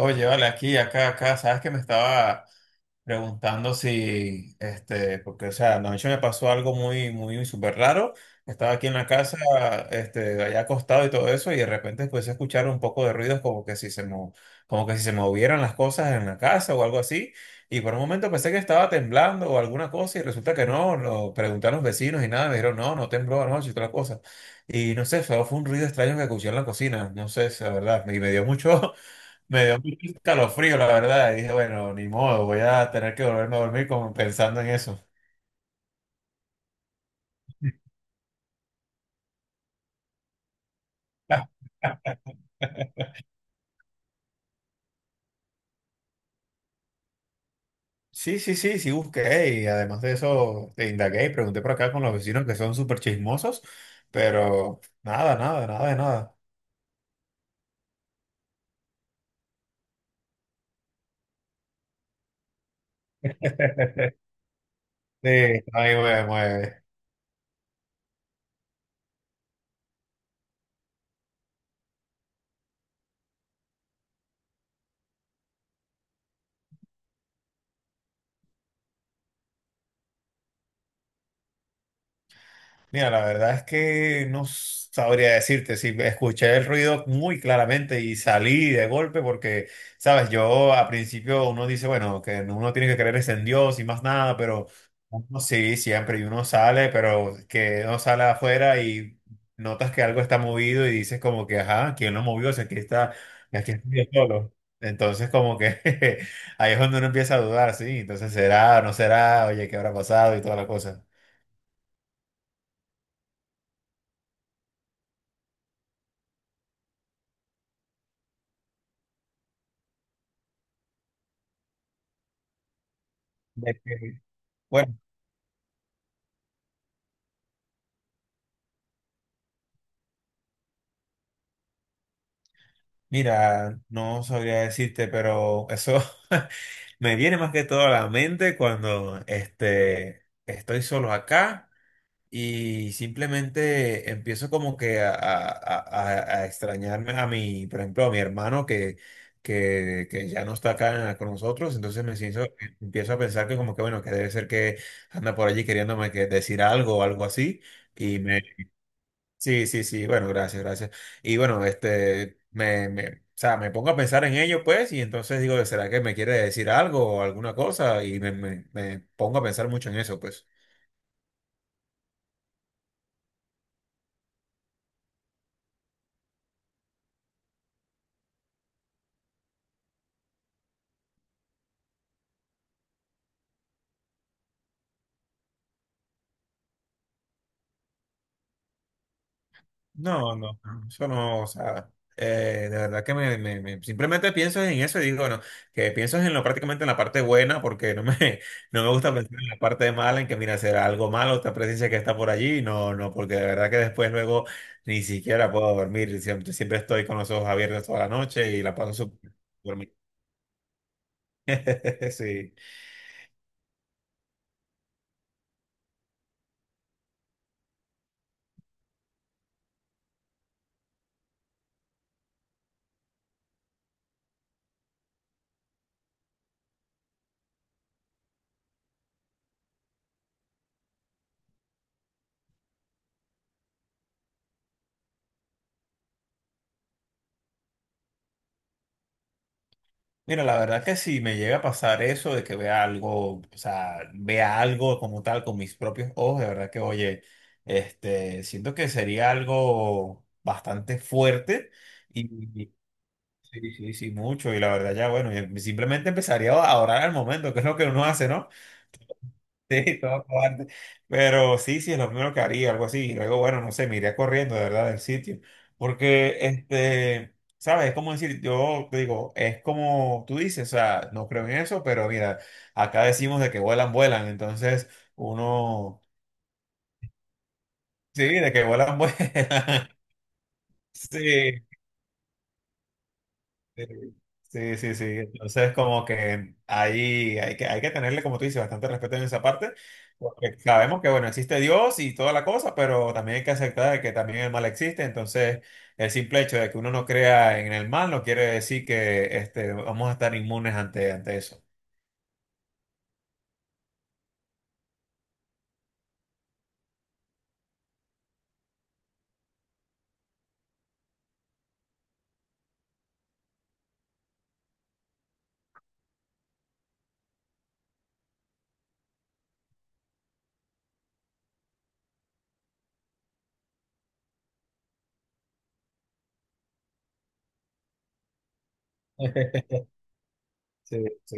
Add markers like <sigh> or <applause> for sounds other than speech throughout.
Oye, vale, aquí, acá, acá, sabes que me estaba preguntando si, porque, o sea, anoche me pasó algo muy, muy, súper raro. Estaba aquí en la casa, allá acostado y todo eso, y de repente empecé a escuchar un poco de ruidos como que si como que si se movieran las cosas en la casa o algo así. Y por un momento pensé que estaba temblando o alguna cosa, y resulta que no, lo pregunté a los vecinos y nada, me dijeron, no, no tembló anoche y toda la cosa. Y no sé, solo fue un ruido extraño que escuché en la cocina, no sé, la verdad, y me dio mucho. <laughs> Me dio mucho escalofrío, la verdad. Y dije, bueno, ni modo, voy a tener que volverme a dormir como pensando en eso. Sí, sí, sí, sí busqué y además de eso te indagué y pregunté por acá con los vecinos que son súper chismosos, pero nada, nada, nada de nada. <laughs> Sí, ahí me mueve. Mira, la verdad es que no sabría decirte si escuché el ruido muy claramente y salí de golpe porque, sabes, yo a principio uno dice, bueno, que uno tiene que creer es en Dios y más nada, pero uno sí, siempre, y uno sale, pero que uno sale afuera y notas que algo está movido y dices como que, ajá, ¿quién lo movió? O sea, aquí está, aquí estoy yo solo. Entonces como que <laughs> ahí es donde uno empieza a dudar, sí, entonces será, no será, oye, ¿qué habrá pasado y toda la cosa? De que- Bueno, mira, no sabría decirte, pero eso <laughs> me viene más que todo a la mente cuando estoy solo acá y simplemente empiezo como que a extrañarme a mi, por ejemplo, a mi hermano que, que ya no está acá con nosotros, entonces me siento, empiezo a pensar que como que bueno, que debe ser que anda por allí queriéndome que decir algo o algo así. Sí, sí, sí, bueno, gracias, gracias. Y bueno, o sea, me pongo a pensar en ello, pues, y entonces digo, ¿será que me quiere decir algo o alguna cosa? Y me pongo a pensar mucho en eso, pues. No, no, no, eso no, o sea, eh, de verdad que simplemente pienso en eso y digo, bueno, que pienso en lo prácticamente en la parte buena, porque no me, <laughs> no me gusta pensar en la parte mala, en que mira, será algo malo, esta presencia que está por allí, no, no, porque de verdad que después luego ni siquiera puedo dormir, siempre, siempre estoy con los ojos abiertos toda la noche y la paso súper dormida. <laughs> Sí. Mira, la verdad que si me llega a pasar eso de que vea algo, o sea, vea algo como tal con mis propios ojos, de verdad que, oye, siento que sería algo bastante fuerte y y- sí, sí, sí, mucho. Y la verdad ya, bueno, yo simplemente empezaría a orar al momento, que es lo que uno hace, ¿no? Sí, todo cobarde. Pero sí, sí, es lo primero que haría, algo así. Y luego, bueno, no sé, me iría corriendo, de verdad, del sitio. Porque, ¿sabes? Es como decir, yo te digo, es como tú dices, o sea, no creo en eso, pero mira, acá decimos de que vuelan, vuelan. Entonces, uno, sí, de que vuelan, <laughs> vuelan. Sí, sí, sí, sí. Sí. Entonces, como que ahí hay que tenerle, como tú dices, bastante respeto en esa parte, porque sabemos que, bueno, existe Dios y toda la cosa, pero también hay que aceptar que también el mal existe. Entonces, el simple hecho de que uno no crea en el mal no quiere decir que vamos a estar inmunes ante, ante eso. <laughs> Sí, sí.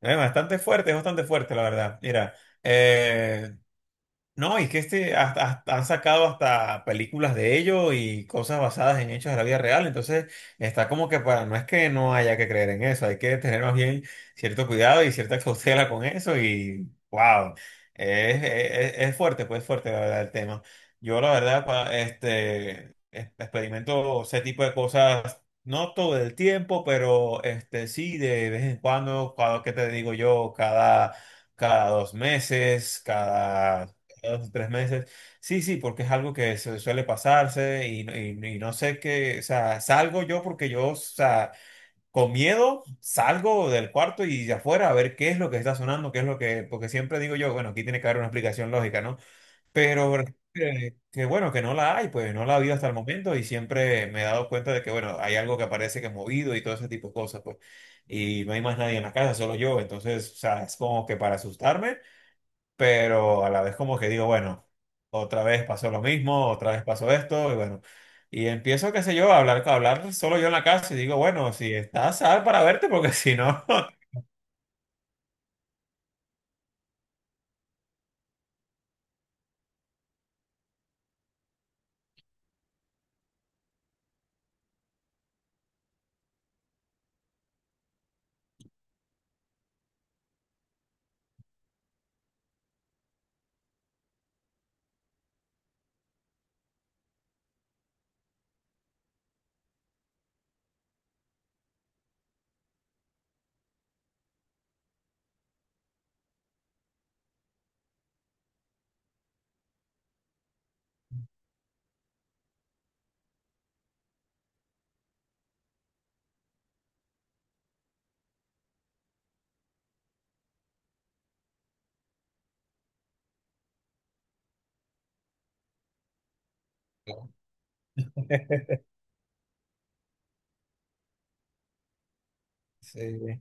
Es bastante fuerte, la verdad. Mira, eh, no, y que este han sacado hasta películas de ello y cosas basadas en hechos de la vida real. Entonces, está como que para, no es que no haya que creer en eso, hay que tener más bien cierto cuidado y cierta cautela con eso. Y wow, es fuerte, pues fuerte la verdad el tema. Yo la verdad, experimento ese tipo de cosas, no todo el tiempo, pero este sí, de vez en cuando, cada, ¿qué te digo yo? Cada dos meses, cada dos, tres meses. Sí, sí, porque es algo que suele pasarse y no sé qué, o sea, salgo yo porque yo, o sea, con miedo salgo del cuarto y de afuera a ver qué es lo que está sonando, qué es lo que, porque siempre digo yo, bueno, aquí tiene que haber una explicación lógica, ¿no? Pero bueno, que no la hay, pues no la ha habido hasta el momento y siempre me he dado cuenta de que, bueno, hay algo que aparece que es movido y todo ese tipo de cosas, pues, y no hay más nadie en la casa, solo yo, entonces, o sea, es como que para asustarme pero a la vez como que digo, bueno, otra vez pasó lo mismo, otra vez pasó esto, y bueno, y empiezo, qué sé yo, a hablar solo yo en la casa y digo, bueno, si estás, sal para verte, porque si no... <laughs> Sí.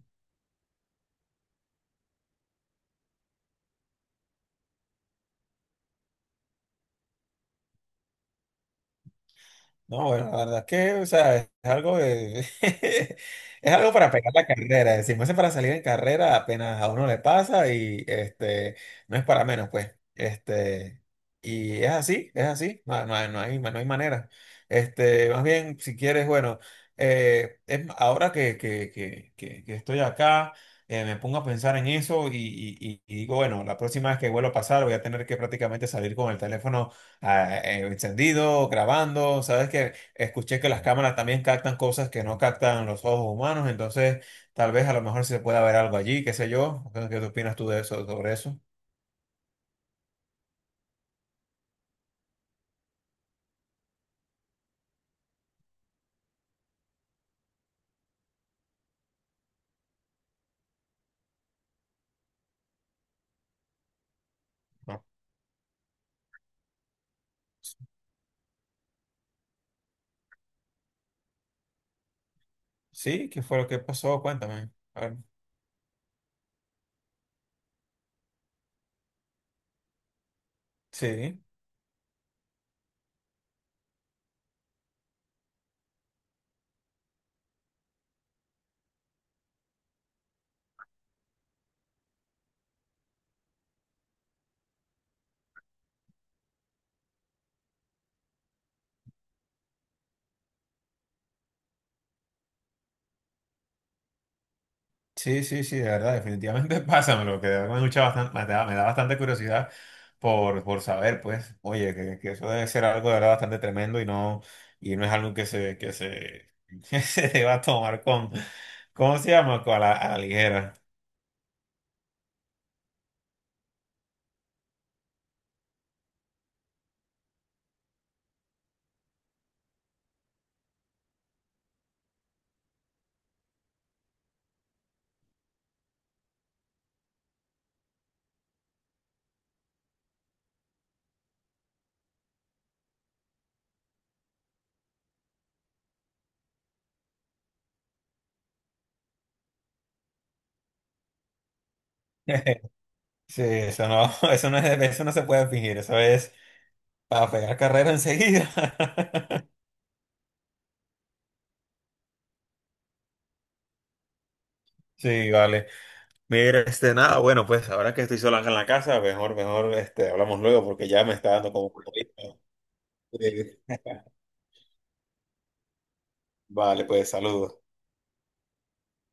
No, bueno, la verdad es que, o sea, <laughs> es algo para pegar la carrera, decimos, es para salir en carrera apenas a uno le pasa y no es para menos, pues, y es así, no, no hay manera, más bien, si quieres, bueno, ahora que, que estoy acá, me pongo a pensar en eso y digo, bueno, la próxima vez que vuelva a pasar voy a tener que prácticamente salir con el teléfono encendido, grabando, sabes que escuché que las cámaras también captan cosas que no captan los ojos humanos, entonces tal vez a lo mejor se pueda ver algo allí, qué sé yo. Entonces, ¿qué opinas tú de eso, sobre eso? No. Sí, ¿qué fue lo que pasó? Cuéntame. A ver. Sí. Sí, sí, sí, de verdad, definitivamente <laughs> pásamelo, que de verdad me gusta bastante, me da bastante curiosidad por saber, pues, oye, que eso debe ser algo de verdad bastante tremendo y no es algo que <laughs> que se deba tomar con, ¿cómo se llama? Con la, a la ligera. <laughs> Sí, eso no, <laughs> eso no es, eso no se puede fingir, eso es para pegar carrera enseguida. <laughs> Sí, vale. Mira, nada, bueno, pues ahora que estoy sola acá en la casa, mejor, mejor, hablamos luego porque ya me está dando como... Eh, <laughs> vale, pues saludos.